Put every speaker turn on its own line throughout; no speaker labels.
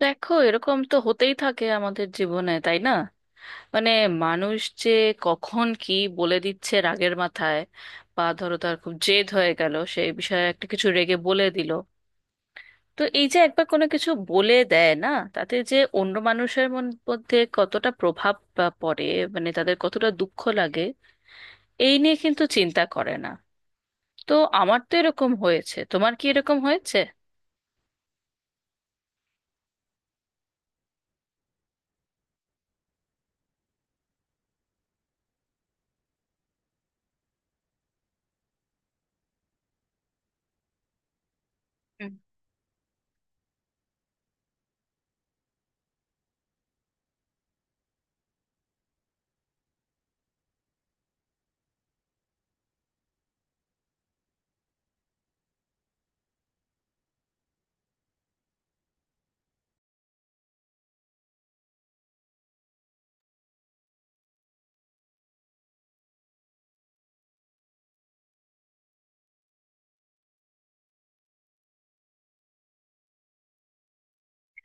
দেখো, এরকম তো হতেই থাকে আমাদের জীবনে, তাই না? মানে মানুষ যে কখন কি বলে দিচ্ছে রাগের মাথায়, বা ধরো তার খুব জেদ হয়ে গেল সেই বিষয়ে, একটা কিছু রেগে বলে দিল। তো এই যে একবার কোনো কিছু বলে দেয় না, তাতে যে অন্য মানুষের মধ্যে কতটা প্রভাব বা পড়ে, মানে তাদের কতটা দুঃখ লাগে, এই নিয়ে কিন্তু চিন্তা করে না। তো আমার তো এরকম হয়েছে, তোমার কি এরকম হয়েছে? হুম।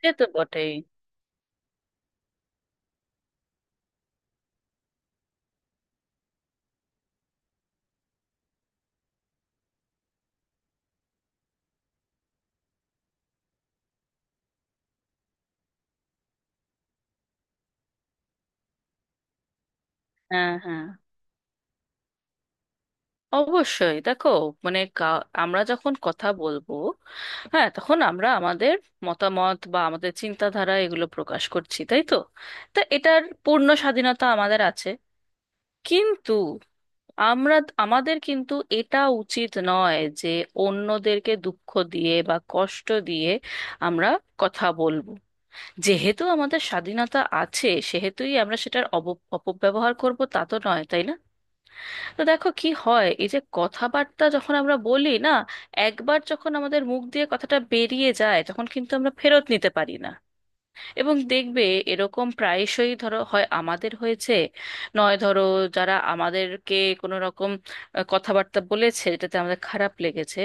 সে তো বটেই। হ্যাঁ, হ্যাঁ, অবশ্যই। দেখো, মানে কা- আমরা যখন কথা বলবো, হ্যাঁ, তখন আমরা আমাদের মতামত বা আমাদের চিন্তাধারা এগুলো প্রকাশ করছি, তাই তো? তা এটার পূর্ণ স্বাধীনতা আমাদের আছে। কিন্তু আমরা আমাদের কিন্তু এটা উচিত নয় যে অন্যদেরকে দুঃখ দিয়ে বা কষ্ট দিয়ে আমরা কথা বলবো। যেহেতু আমাদের স্বাধীনতা আছে, সেহেতুই আমরা সেটার অপব্যবহার করব, তা তো নয়, তাই না? তো দেখো কি হয়, এই যে কথাবার্তা যখন আমরা বলি না, একবার যখন আমাদের মুখ দিয়ে কথাটা বেরিয়ে যায়, তখন কিন্তু আমরা ফেরত নিতে পারি না। এবং দেখবে এরকম প্রায়শই ধরো হয়, আমাদের হয়েছে, নয় ধরো, যারা আমাদেরকে কোনো রকম কথাবার্তা বলেছে যেটাতে আমাদের খারাপ লেগেছে,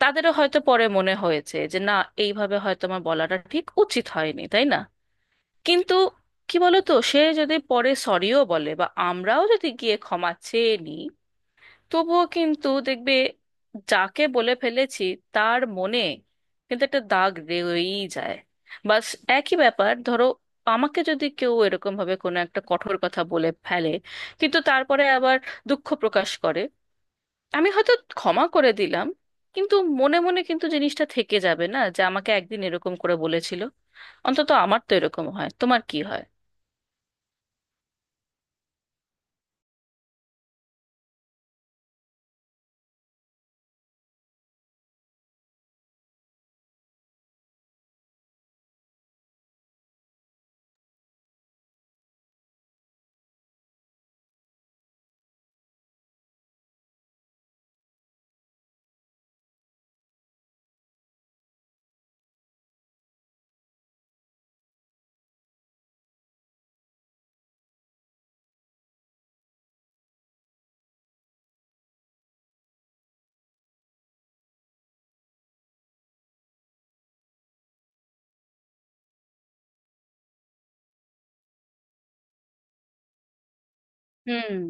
তাদেরও হয়তো পরে মনে হয়েছে যে না, এইভাবে হয়তো আমার বলাটা ঠিক উচিত হয়নি, তাই না? কিন্তু কি বলতো, সে যদি পরে সরিও বলে বা আমরাও যদি গিয়ে ক্ষমা চেয়ে নিই, তবুও কিন্তু দেখবে, যাকে বলে ফেলেছি, তার মনে কিন্তু একটা দাগ রয়েই যায়। বাস, একই ব্যাপার ধরো, আমাকে যদি কেউ এরকম ভাবে কোনো একটা কঠোর কথা বলে ফেলে, কিন্তু তারপরে আবার দুঃখ প্রকাশ করে, আমি হয়তো ক্ষমা করে দিলাম, কিন্তু মনে মনে কিন্তু জিনিসটা থেকে যাবে, না, যে আমাকে একদিন এরকম করে বলেছিল। অন্তত আমার তো এরকম হয়, তোমার কি হয়? হুম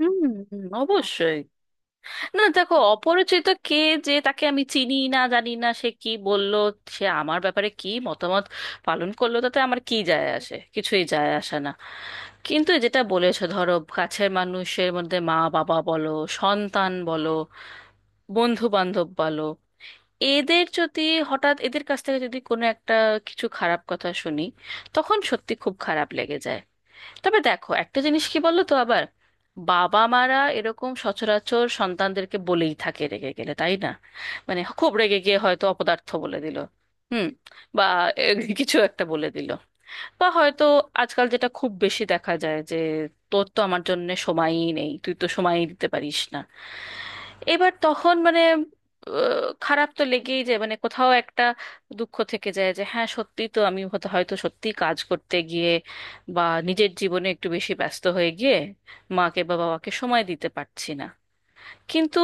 হুম হুম, অবশ্যই। না, দেখো, অপরিচিত কে, যে তাকে আমি চিনি না জানি না, সে কি বলল, সে আমার ব্যাপারে কি মতামত পালন করলো, তাতে আমার কি যায় আসে? কিছুই যায় আসে না। কিন্তু যেটা বলেছো ধরো কাছের মানুষের মধ্যে, মা বাবা বলো, সন্তান বলো, বন্ধু বান্ধব বলো, এদের যদি হঠাৎ এদের কাছ থেকে যদি কোনো একটা কিছু খারাপ কথা শুনি, তখন সত্যি খুব খারাপ লেগে যায়। তবে দেখো একটা জিনিস কি বলো তো, আবার বাবা মারা এরকম সচরাচর সন্তানদেরকে বলেই থাকে রেগে গেলে, তাই না? খুব রেগে গিয়ে হয়তো অপদার্থ বলে দিল। হুম। বা এ, কিছু একটা বলে দিল, বা হয়তো আজকাল যেটা খুব বেশি দেখা যায় যে তোর তো আমার জন্য সময়ই নেই, তুই তো সময়ই দিতে পারিস না। এবার তখন খারাপ তো লেগেই যায়, মানে কোথাও একটা দুঃখ থেকে যায় যে হ্যাঁ, সত্যি তো, আমি হয়তো হয়তো সত্যি কাজ করতে গিয়ে বা নিজের জীবনে একটু বেশি ব্যস্ত হয়ে গিয়ে মাকে বা বাবাকে সময় দিতে পারছি না। কিন্তু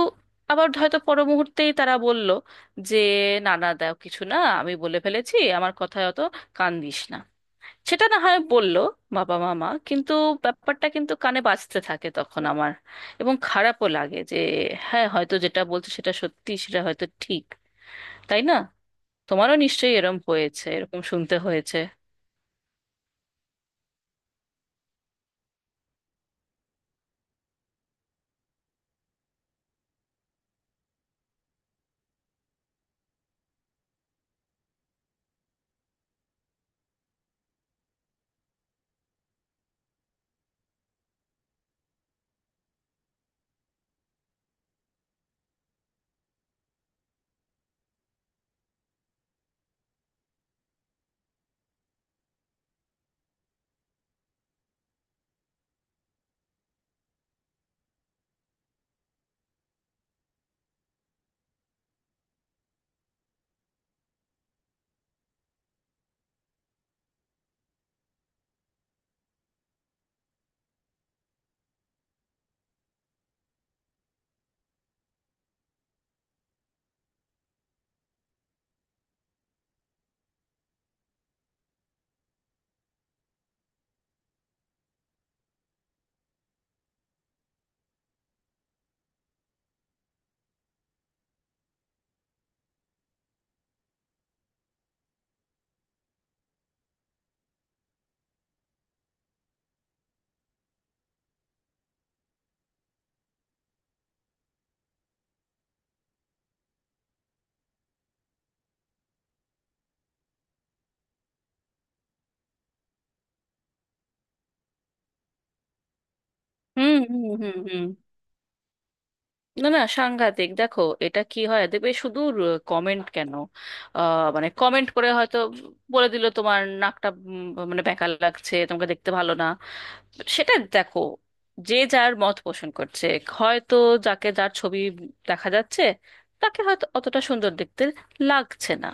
আবার হয়তো পর মুহূর্তেই তারা বলল যে না না, দাও কিছু না, আমি বলে ফেলেছি, আমার কথায় অত কান দিস না। সেটা না হয় বললো বাবা মামা, কিন্তু ব্যাপারটা কিন্তু কানে বাজতে থাকে তখন আমার। এবং খারাপও লাগে যে হ্যাঁ, হয়তো যেটা বলছে সেটা সত্যি, সেটা হয়তো ঠিক, তাই না? তোমারও নিশ্চয়ই এরম হয়েছে, এরকম শুনতে হয়েছে। হুম হুম হুম হুম না না, সাংঘাতিক। দেখো, এটা কি হয়, দেখবে শুধু কমেন্ট কেন, আহ, মানে কমেন্ট করে হয়তো বলে দিল তোমার নাকটা মানে বেঁকা লাগছে, তোমাকে দেখতে ভালো না। সেটা দেখো, যে যার মত পোষণ করছে। হয়তো যাকে, যার ছবি দেখা যাচ্ছে, তাকে হয়তো অতটা সুন্দর দেখতে লাগছে না,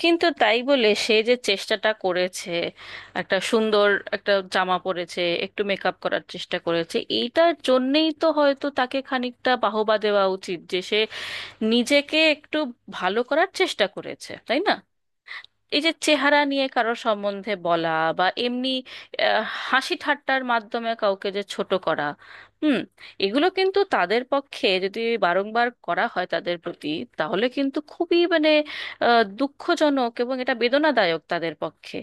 কিন্তু তাই বলে সে যে চেষ্টাটা করেছে, একটা সুন্দর একটা জামা পরেছে, একটু মেকআপ করার চেষ্টা করেছে, এইটার জন্যেই তো হয়তো তাকে খানিকটা বাহবা দেওয়া উচিত যে সে নিজেকে একটু ভালো করার চেষ্টা করেছে, তাই না? এই যে চেহারা নিয়ে কারো সম্বন্ধে বলা বা এমনি আহ, হাসি ঠাট্টার মাধ্যমে কাউকে যে ছোট করা। হুম। এগুলো কিন্তু তাদের পক্ষে যদি বারংবার করা হয় তাদের প্রতি, তাহলে কিন্তু খুবই দুঃখজনক এবং এটা বেদনাদায়ক তাদের পক্ষে।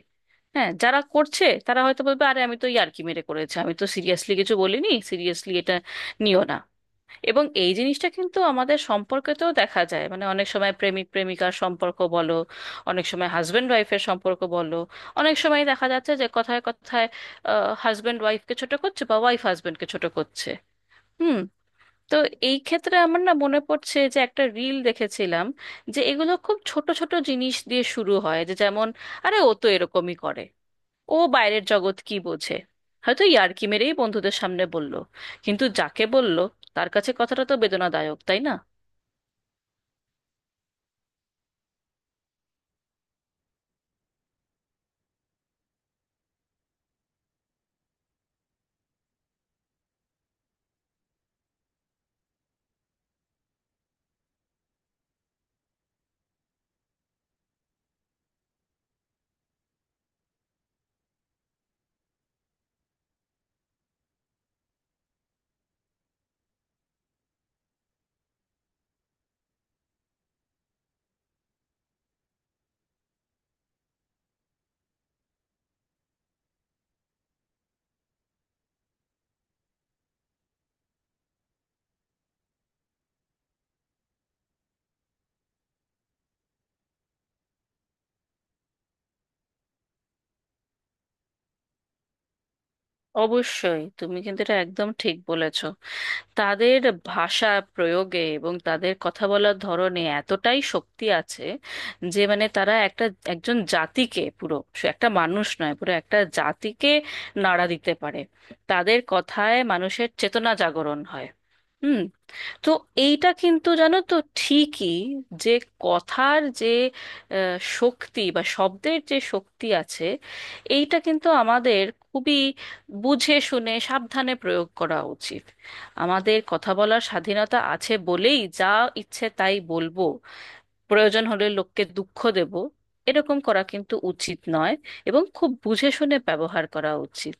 হ্যাঁ, যারা করছে তারা হয়তো বলবে আরে আমি তো ইয়ার্কি মেরে করেছি, আমি তো সিরিয়াসলি কিছু বলিনি, সিরিয়াসলি এটা নিও না। এবং এই জিনিসটা কিন্তু আমাদের সম্পর্কেতেও দেখা যায়, মানে অনেক সময় প্রেমিক প্রেমিকার সম্পর্ক বলো, অনেক সময় হাজবেন্ড ওয়াইফের সম্পর্ক বলো, অনেক সময় দেখা যাচ্ছে যে কথায় কথায় হাজবেন্ড ওয়াইফকে ছোট করছে বা ওয়াইফ হাজবেন্ডকে ছোট করছে। হুম। তো এই ক্ষেত্রে আমার না মনে পড়ছে যে একটা রিল দেখেছিলাম যে এগুলো খুব ছোট ছোট জিনিস দিয়ে শুরু হয়, যে যেমন আরে ও তো এরকমই করে, ও বাইরের জগৎ কি বোঝে, হয়তো ইয়ার্কি মেরেই বন্ধুদের সামনে বলল, কিন্তু যাকে বলল, তার কাছে কথাটা তো বেদনাদায়ক, তাই না? অবশ্যই, তুমি কিন্তু এটা একদম ঠিক বলেছ। তাদের ভাষা প্রয়োগে এবং তাদের কথা বলার ধরনে এতটাই শক্তি আছে যে, মানে তারা একটা, একজন জাতিকে পুরো, সে একটা মানুষ নয়, পুরো একটা জাতিকে নাড়া দিতে পারে। তাদের কথায় মানুষের চেতনা জাগরণ হয়। হুম। তো এইটা কিন্তু জানো তো, ঠিকই, যে কথার যে শক্তি বা শব্দের যে শক্তি আছে, এইটা কিন্তু আমাদের খুবই বুঝে শুনে সাবধানে প্রয়োগ করা উচিত। আমাদের কথা বলার স্বাধীনতা আছে বলেই যা ইচ্ছে তাই বলবো, প্রয়োজন হলে লোককে দুঃখ দেব, এরকম করা কিন্তু উচিত নয়। এবং খুব বুঝে শুনে ব্যবহার করা উচিত।